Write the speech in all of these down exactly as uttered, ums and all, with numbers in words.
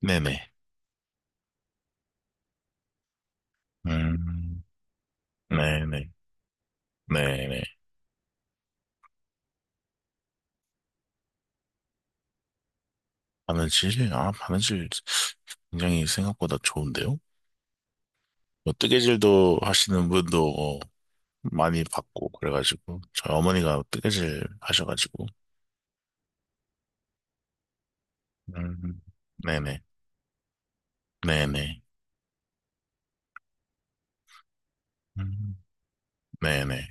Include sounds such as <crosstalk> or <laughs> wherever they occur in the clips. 네네. 음, 네네. 네네. 바느질? 아, 바느질 굉장히 생각보다 좋은데요? 뭐 뜨개질도 하시는 분도 많이 봤고, 그래가지고, 저희 어머니가 뜨개질 하셔가지고, 음, 네네. 네네. 음, 네네.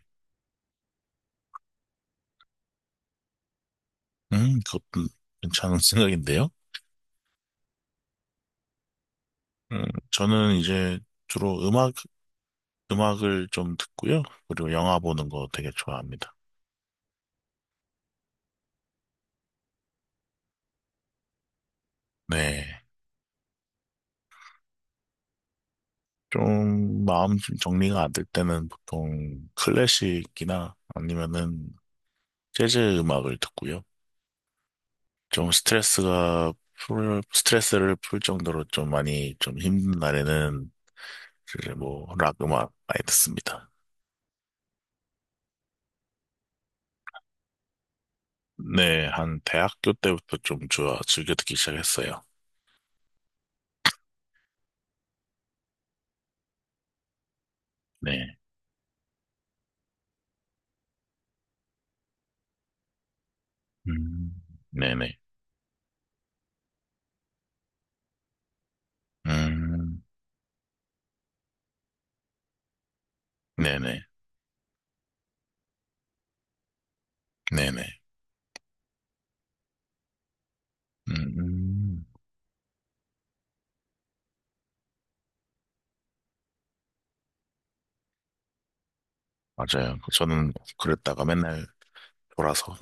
음, 그것도 괜찮은 <laughs> 생각인데요? 음, 저는 이제 주로 음악, 음악을 좀 듣고요. 그리고 영화 보는 거 되게 좋아합니다. 네. 좀 마음 정리가 안 될 때는 보통 클래식이나 아니면은 재즈 음악을 듣고요. 좀 스트레스가 풀, 스트레스를 풀 정도로 좀 많이 좀 힘든 날에는 이제 뭐 락 음악 많이 듣습니다. 네, 한 대학교 때부터 좀 좋아 즐겨 듣기 시작했어요. 네. 음, 네네. 음, 네네. 네네. 음, 맞아요. 저는 그랬다가 맨날 돌아서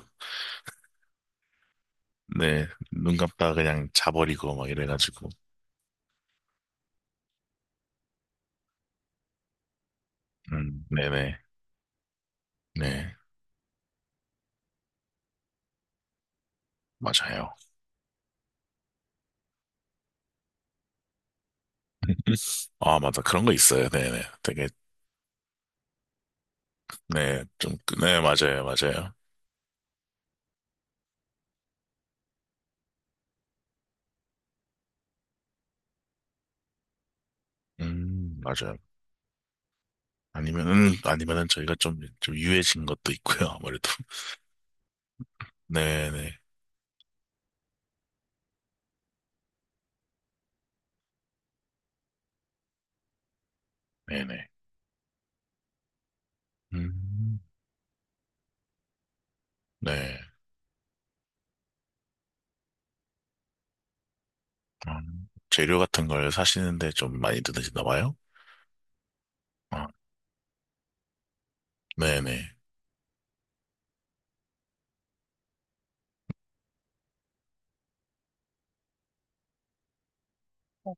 네, 눈 감다 그냥 자버리고 막 이래가지고. 음, 네네, 네, 맞아요. <laughs> 아, 맞아. 그런 거 있어요. 네네. 되게, 네, 좀, 그- 네, 맞아요, 맞아요. 음, 맞아요. 아니면은, 아니면은 저희가 좀, 좀 유해진 것도 있고요, 아무래도. <laughs> 네네, 네네. 음, 네. 어, 재료 같은 걸 사시는데 좀 많이 드시나 봐요? 어, 네네.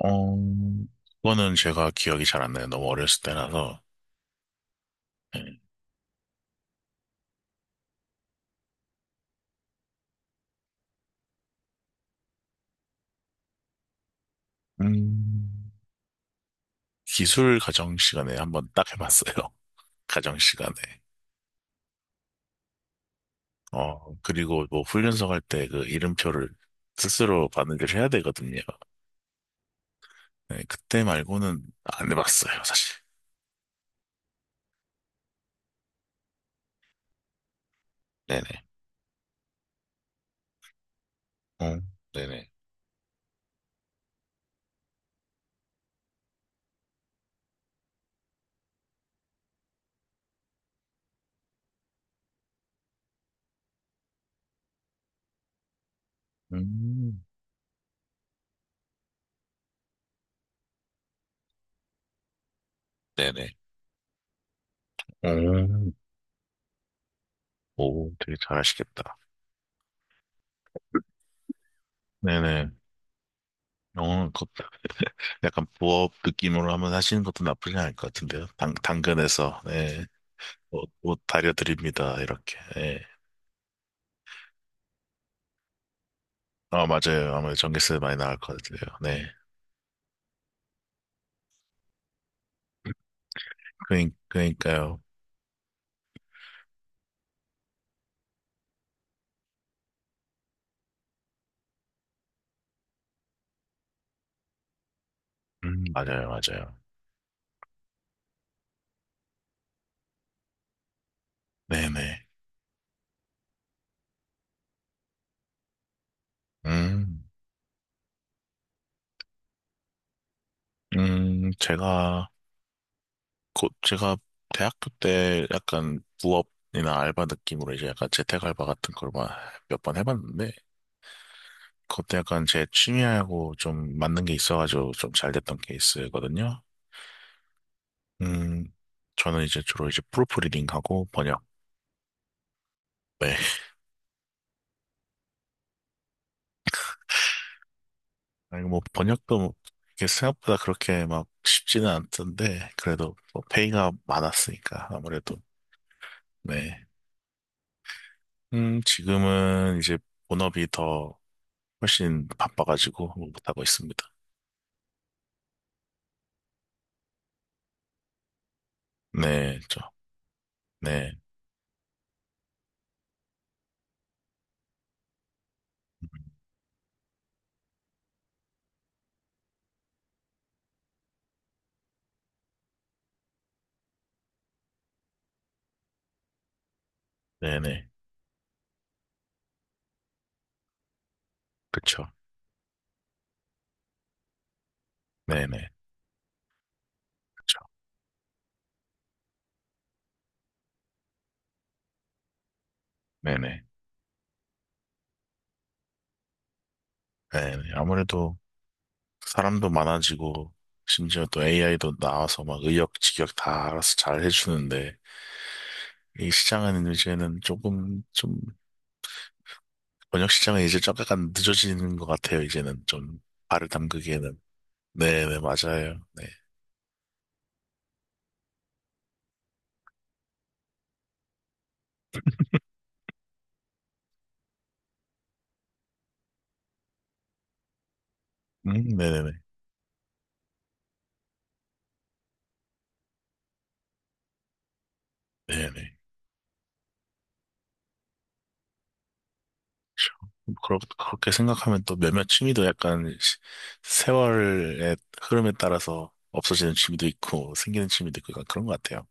어, 그거는 제가 기억이 잘 안 나요. 너무 어렸을 때라서. 네. 음. 기술 가정 시간에 한번 딱 해봤어요. <laughs> 가정 시간에. 어, 그리고 뭐 훈련소 갈 때 그 이름표를 스스로 바느질 해야 되거든요. 네, 그때 말고는 안 해봤어요, 사실. 네네. 어, 네네. 음, 네네. 음, 오, 되게 잘하시겠다. 네네. 어, 그, 약간 부업 느낌으로 한번 하시는 것도 나쁘지 않을 것 같은데요. 당, 당근에서, 네, 옷, 옷 다려드립니다. 이렇게. 네. 아, 맞아요. 아무래도 전기세 많이 나갈 것 같아요. 네. 그니, 그니까요. 음, 맞아요, 맞아요. 네네. 음, 음, 제가, 곧, 제가 대학교 때 약간 부업이나 알바 느낌으로 이제 약간 재택 알바 같은 걸 몇 번 해봤는데, 그때 약간 제 취미하고 좀 맞는 게 있어가지고 좀 잘 됐던 케이스거든요. 음, 저는 이제 주로 이제 프로프리딩하고 번역. 네. <laughs> 아니, 뭐, 번역도 뭐 이게 생각보다 그렇게 막 쉽지는 않던데, 그래도 뭐 페이가 많았으니까, 아무래도. 네. 음, 지금은 이제 본업이 더 훨씬 바빠가지고 못하고 있습니다. 네, 저, 네, 음, 네네, 그쵸, 네네, 그쵸, 네네, 네네. 아무래도 사람도 많아지고, 심지어 또 에이아이도 나와서 막 의역직역 다 알아서 잘 해주는데, 이 시장은 이제는 조금, 좀, 번역 시장은 이제 좀 약간 늦어지는 것 같아요, 이제는 좀. 발을 담그기에는. 네네, 맞아요. 네. 음, 네네네, 네네. 그렇- 그렇게 생각하면 또 몇몇 취미도 약간 시- 세월의 흐름에 따라서 없어지는 취미도 있고 생기는 취미도 있고 약간 그런 것 같아요.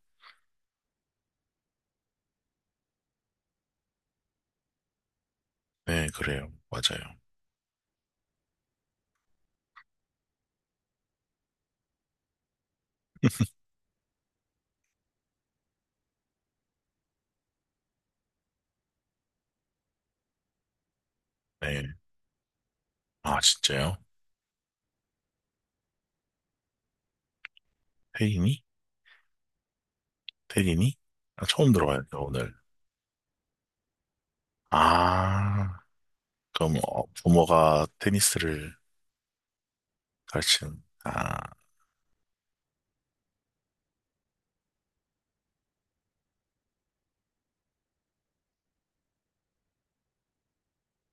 네, 그래요. 맞아요. 네. 아, 진짜요? 태린이? 태린이? 아, 처음 들어봐요, 오늘. 아, 그럼 어, 부모가 테니스를 가르치는, 아.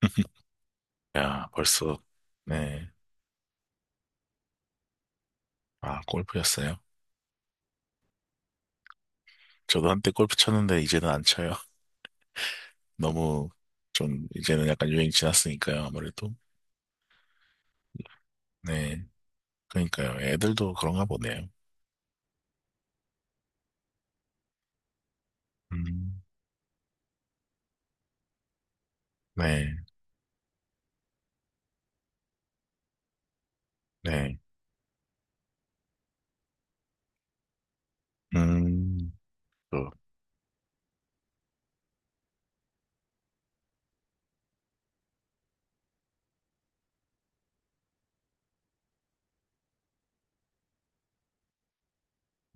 <laughs> 야, 벌써, 네. 아, 골프였어요? 저도 한때 골프 쳤는데 이제는 안 쳐요. 너무 좀 이제는 약간 유행 지났으니까요, 아무래도. 네. 그러니까요. 애들도 그런가 보네요. 음, 네, 네. 음, 그,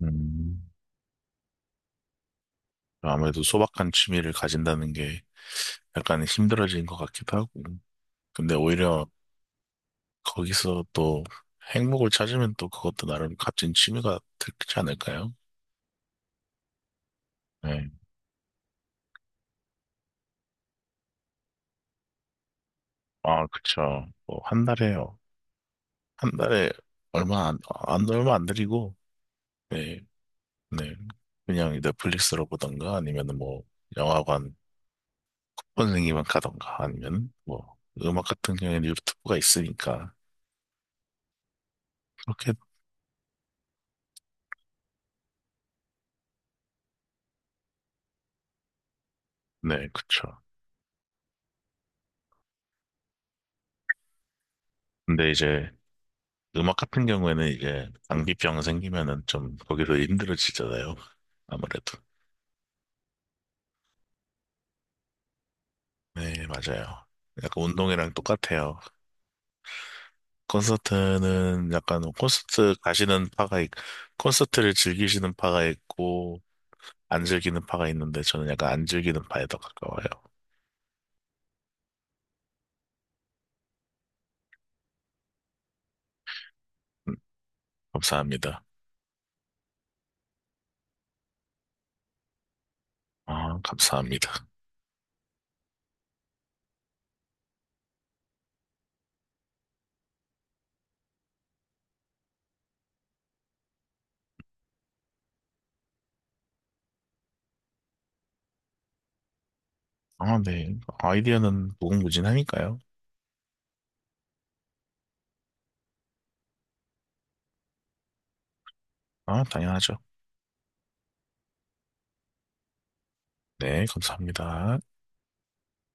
음, 아무래도 소박한 취미를 가진다는 게 약간 힘들어진 것 같기도 하고. 근데 오히려 거기서 또 행복을 찾으면 또 그것도 나름 값진 취미가 되지 않을까요? 네. 아, 그쵸. 뭐한 달에, 한 달에 얼마 안, 아, 안, 얼마 안 드리고. 네. 네. 그냥 넷플릭스로 보던가 아니면 뭐 영화관 선생님만 가던가 아니면 뭐 음악 같은 경우에는 유튜브가 있으니까 그렇게. 네. 그쵸. 근데 이제 음악 같은 경우에는 이제 장기병 생기면은 좀 거기서 힘들어지잖아요, 아무래도. 네, 맞아요. 약간 운동이랑 똑같아요. 콘서트는 약간 뭐 콘서트 가시는 파가 있, 콘서트를 즐기시는 파가 있고 안 즐기는 파가 있는데 저는 약간 안 즐기는 파에 더 가까워요. 감사합니다. 아, 감사합니다. 아, 네. 아이디어는 무궁무진하니까요. 아, 당연하죠. 네, 감사합니다.